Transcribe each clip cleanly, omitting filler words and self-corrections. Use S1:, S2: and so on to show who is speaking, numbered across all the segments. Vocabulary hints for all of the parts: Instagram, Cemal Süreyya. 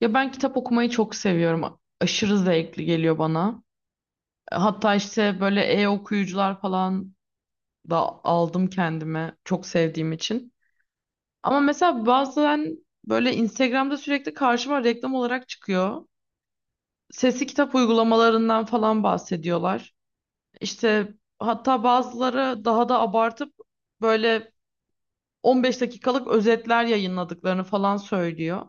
S1: Ya ben kitap okumayı çok seviyorum. Aşırı zevkli geliyor bana. Hatta işte böyle e-okuyucular falan da aldım kendime çok sevdiğim için. Ama mesela bazen böyle Instagram'da sürekli karşıma reklam olarak çıkıyor. Sesli kitap uygulamalarından falan bahsediyorlar. İşte hatta bazıları daha da abartıp böyle 15 dakikalık özetler yayınladıklarını falan söylüyor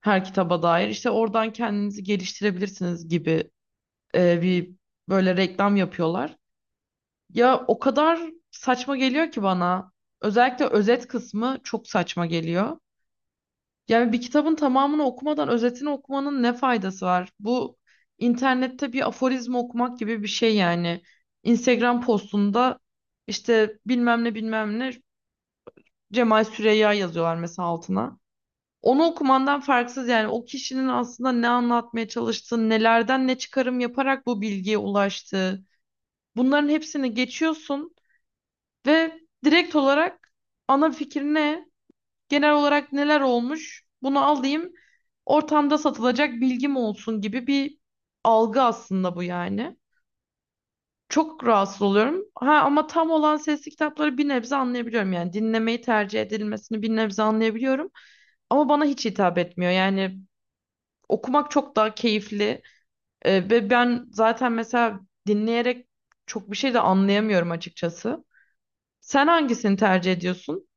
S1: her kitaba dair. İşte oradan kendinizi geliştirebilirsiniz gibi bir böyle reklam yapıyorlar. Ya o kadar saçma geliyor ki bana. Özellikle özet kısmı çok saçma geliyor. Yani bir kitabın tamamını okumadan özetini okumanın ne faydası var? Bu internette bir aforizma okumak gibi bir şey yani. Instagram postunda işte bilmem ne bilmem ne Cemal Süreyya yazıyorlar mesela altına. Onu okumandan farksız yani o kişinin aslında ne anlatmaya çalıştığı, nelerden ne çıkarım yaparak bu bilgiye ulaştığı. Bunların hepsini geçiyorsun ve direkt olarak ana fikir ne? Genel olarak neler olmuş? Bunu alayım. Ortamda satılacak bilgim olsun gibi bir algı aslında bu yani. Çok rahatsız oluyorum. Ha ama tam olan sesli kitapları bir nebze anlayabiliyorum yani. Dinlemeyi tercih edilmesini bir nebze anlayabiliyorum. Ama bana hiç hitap etmiyor. Yani okumak çok daha keyifli. Ve ben zaten mesela dinleyerek çok bir şey de anlayamıyorum açıkçası. Sen hangisini tercih ediyorsun?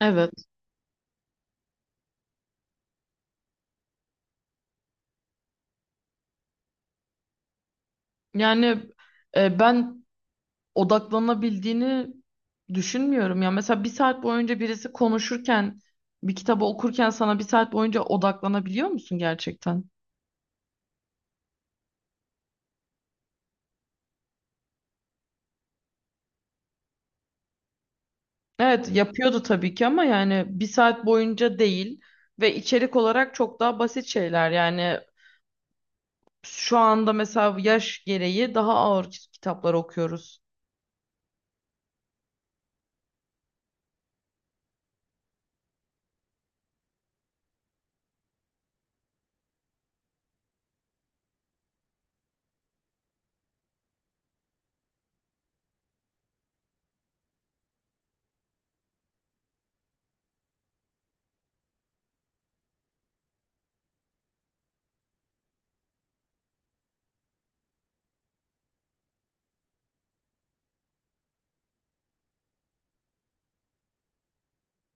S1: Evet. Yani ben odaklanabildiğini düşünmüyorum. Ya mesela bir saat boyunca birisi konuşurken, bir kitabı okurken sana bir saat boyunca odaklanabiliyor musun gerçekten? Evet, yapıyordu tabii ki ama yani bir saat boyunca değil ve içerik olarak çok daha basit şeyler. Yani şu anda mesela yaş gereği daha ağır kitaplar okuyoruz.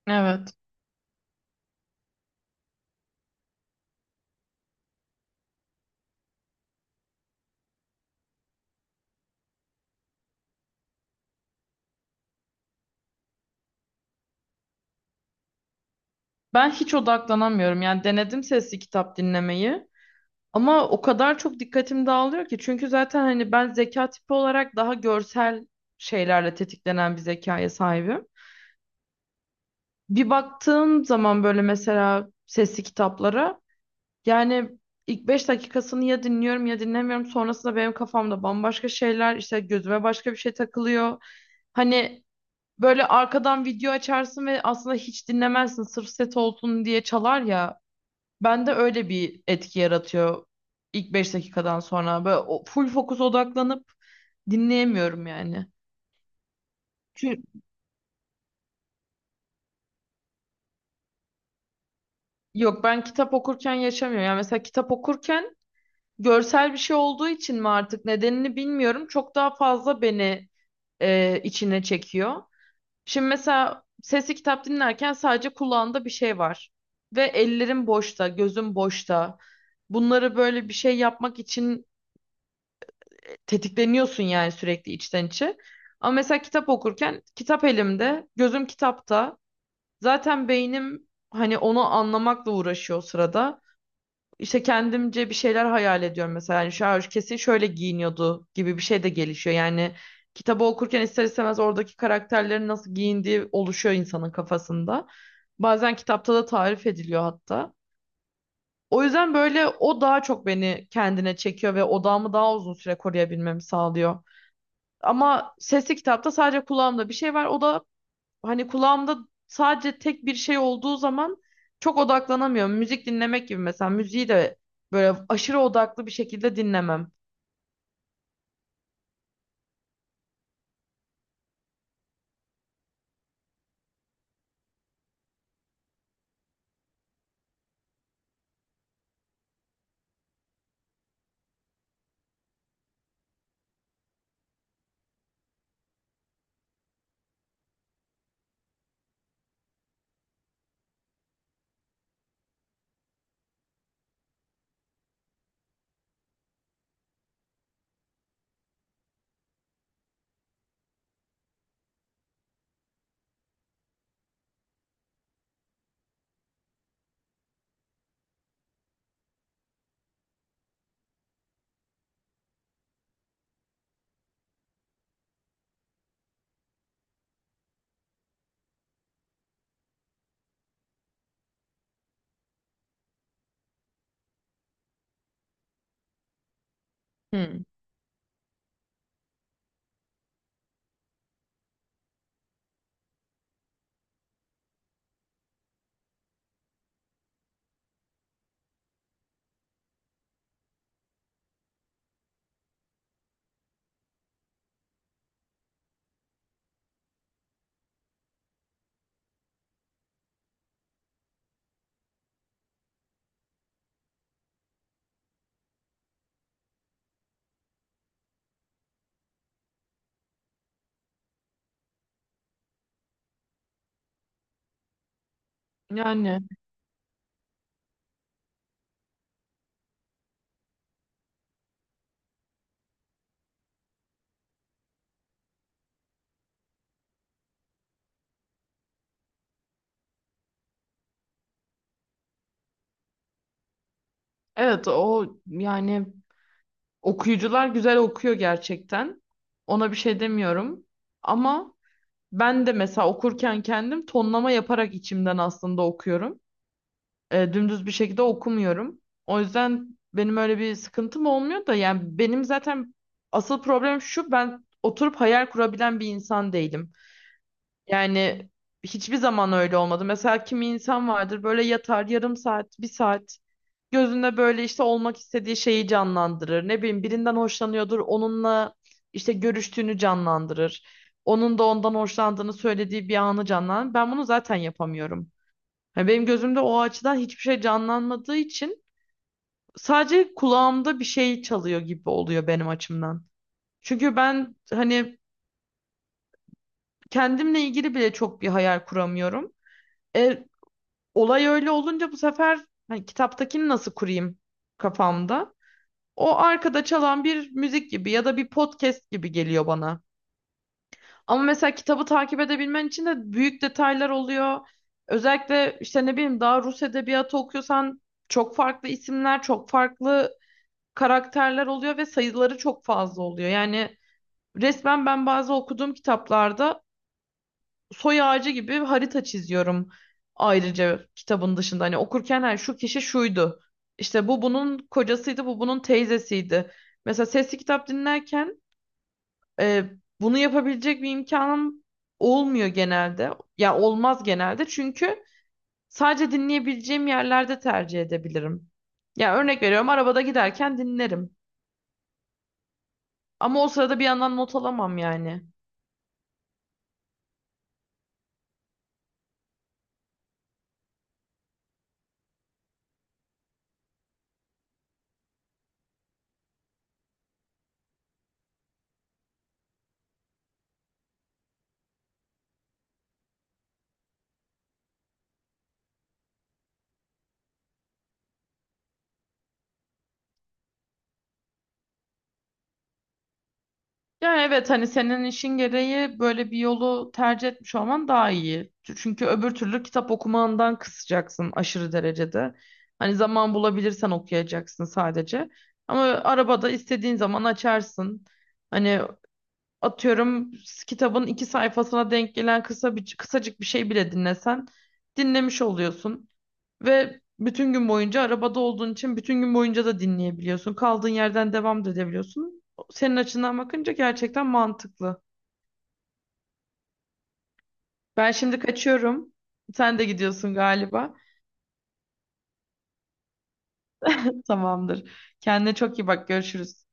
S1: Evet. Ben hiç odaklanamıyorum. Yani denedim sesli kitap dinlemeyi. Ama o kadar çok dikkatim dağılıyor ki çünkü zaten hani ben zeka tipi olarak daha görsel şeylerle tetiklenen bir zekaya sahibim. Bir baktığım zaman böyle mesela sesli kitaplara yani ilk 5 dakikasını ya dinliyorum ya dinlemiyorum, sonrasında benim kafamda bambaşka şeyler, işte gözüme başka bir şey takılıyor. Hani böyle arkadan video açarsın ve aslında hiç dinlemezsin, sırf set olsun diye çalar ya. Bende öyle bir etki yaratıyor ilk 5 dakikadan sonra. Böyle full fokus odaklanıp dinleyemiyorum yani. Çünkü yok, ben kitap okurken yaşamıyorum. Yani mesela kitap okurken görsel bir şey olduğu için mi artık, nedenini bilmiyorum. Çok daha fazla beni içine çekiyor. Şimdi mesela sesli kitap dinlerken sadece kulağında bir şey var. Ve ellerim boşta, gözüm boşta. Bunları böyle bir şey yapmak için tetikleniyorsun yani sürekli, içten içe. Ama mesela kitap okurken kitap elimde, gözüm kitapta. Zaten beynim hani onu anlamakla uğraşıyor o sırada. İşte kendimce bir şeyler hayal ediyorum mesela. Yani şu an kesin şöyle giyiniyordu gibi bir şey de gelişiyor. Yani kitabı okurken ister istemez oradaki karakterlerin nasıl giyindiği oluşuyor insanın kafasında. Bazen kitapta da tarif ediliyor hatta. O yüzden böyle o daha çok beni kendine çekiyor ve odağımı daha uzun süre koruyabilmemi sağlıyor. Ama sesli kitapta sadece kulağımda bir şey var. O da hani kulağımda sadece tek bir şey olduğu zaman çok odaklanamıyorum. Müzik dinlemek gibi, mesela müziği de böyle aşırı odaklı bir şekilde dinlemem. Hmm. Yani evet, o yani okuyucular güzel okuyor gerçekten. Ona bir şey demiyorum. Ama ben de mesela okurken kendim tonlama yaparak içimden aslında okuyorum. Dümdüz bir şekilde okumuyorum. O yüzden benim öyle bir sıkıntım olmuyor da yani benim zaten asıl problemim şu: ben oturup hayal kurabilen bir insan değilim. Yani hiçbir zaman öyle olmadı. Mesela kimi insan vardır, böyle yatar yarım saat, bir saat gözünde böyle işte olmak istediği şeyi canlandırır. Ne bileyim, birinden hoşlanıyordur, onunla işte görüştüğünü canlandırır. Onun da ondan hoşlandığını söylediği bir anı canlandırır. Ben bunu zaten yapamıyorum. Ya benim gözümde o açıdan hiçbir şey canlanmadığı için sadece kulağımda bir şey çalıyor gibi oluyor benim açımdan. Çünkü ben hani kendimle ilgili bile çok bir hayal kuramıyorum. E, Olay öyle olunca bu sefer hani kitaptakini nasıl kurayım kafamda? O arkada çalan bir müzik gibi ya da bir podcast gibi geliyor bana. Ama mesela kitabı takip edebilmen için de büyük detaylar oluyor. Özellikle işte ne bileyim, daha Rus edebiyatı okuyorsan çok farklı isimler, çok farklı karakterler oluyor ve sayıları çok fazla oluyor. Yani resmen ben bazı okuduğum kitaplarda soy ağacı gibi harita çiziyorum ayrıca kitabın dışında. Hani okurken her şu kişi şuydu. İşte bu bunun kocasıydı, bu bunun teyzesiydi. Mesela sesli kitap dinlerken e, bunu yapabilecek bir imkanım olmuyor genelde. Ya olmaz genelde çünkü sadece dinleyebileceğim yerlerde tercih edebilirim. Ya örnek veriyorum, arabada giderken dinlerim. Ama o sırada bir yandan not alamam yani. Yani evet, hani senin işin gereği böyle bir yolu tercih etmiş olman daha iyi. Çünkü öbür türlü kitap okumandan kısacaksın aşırı derecede. Hani zaman bulabilirsen okuyacaksın sadece. Ama arabada istediğin zaman açarsın. Hani atıyorum, kitabın iki sayfasına denk gelen kısa bir, kısacık bir şey bile dinlesen dinlemiş oluyorsun. Ve bütün gün boyunca arabada olduğun için bütün gün boyunca da dinleyebiliyorsun. Kaldığın yerden devam da edebiliyorsun. Senin açından bakınca gerçekten mantıklı. Ben şimdi kaçıyorum. Sen de gidiyorsun galiba. Tamamdır. Kendine çok iyi bak. Görüşürüz.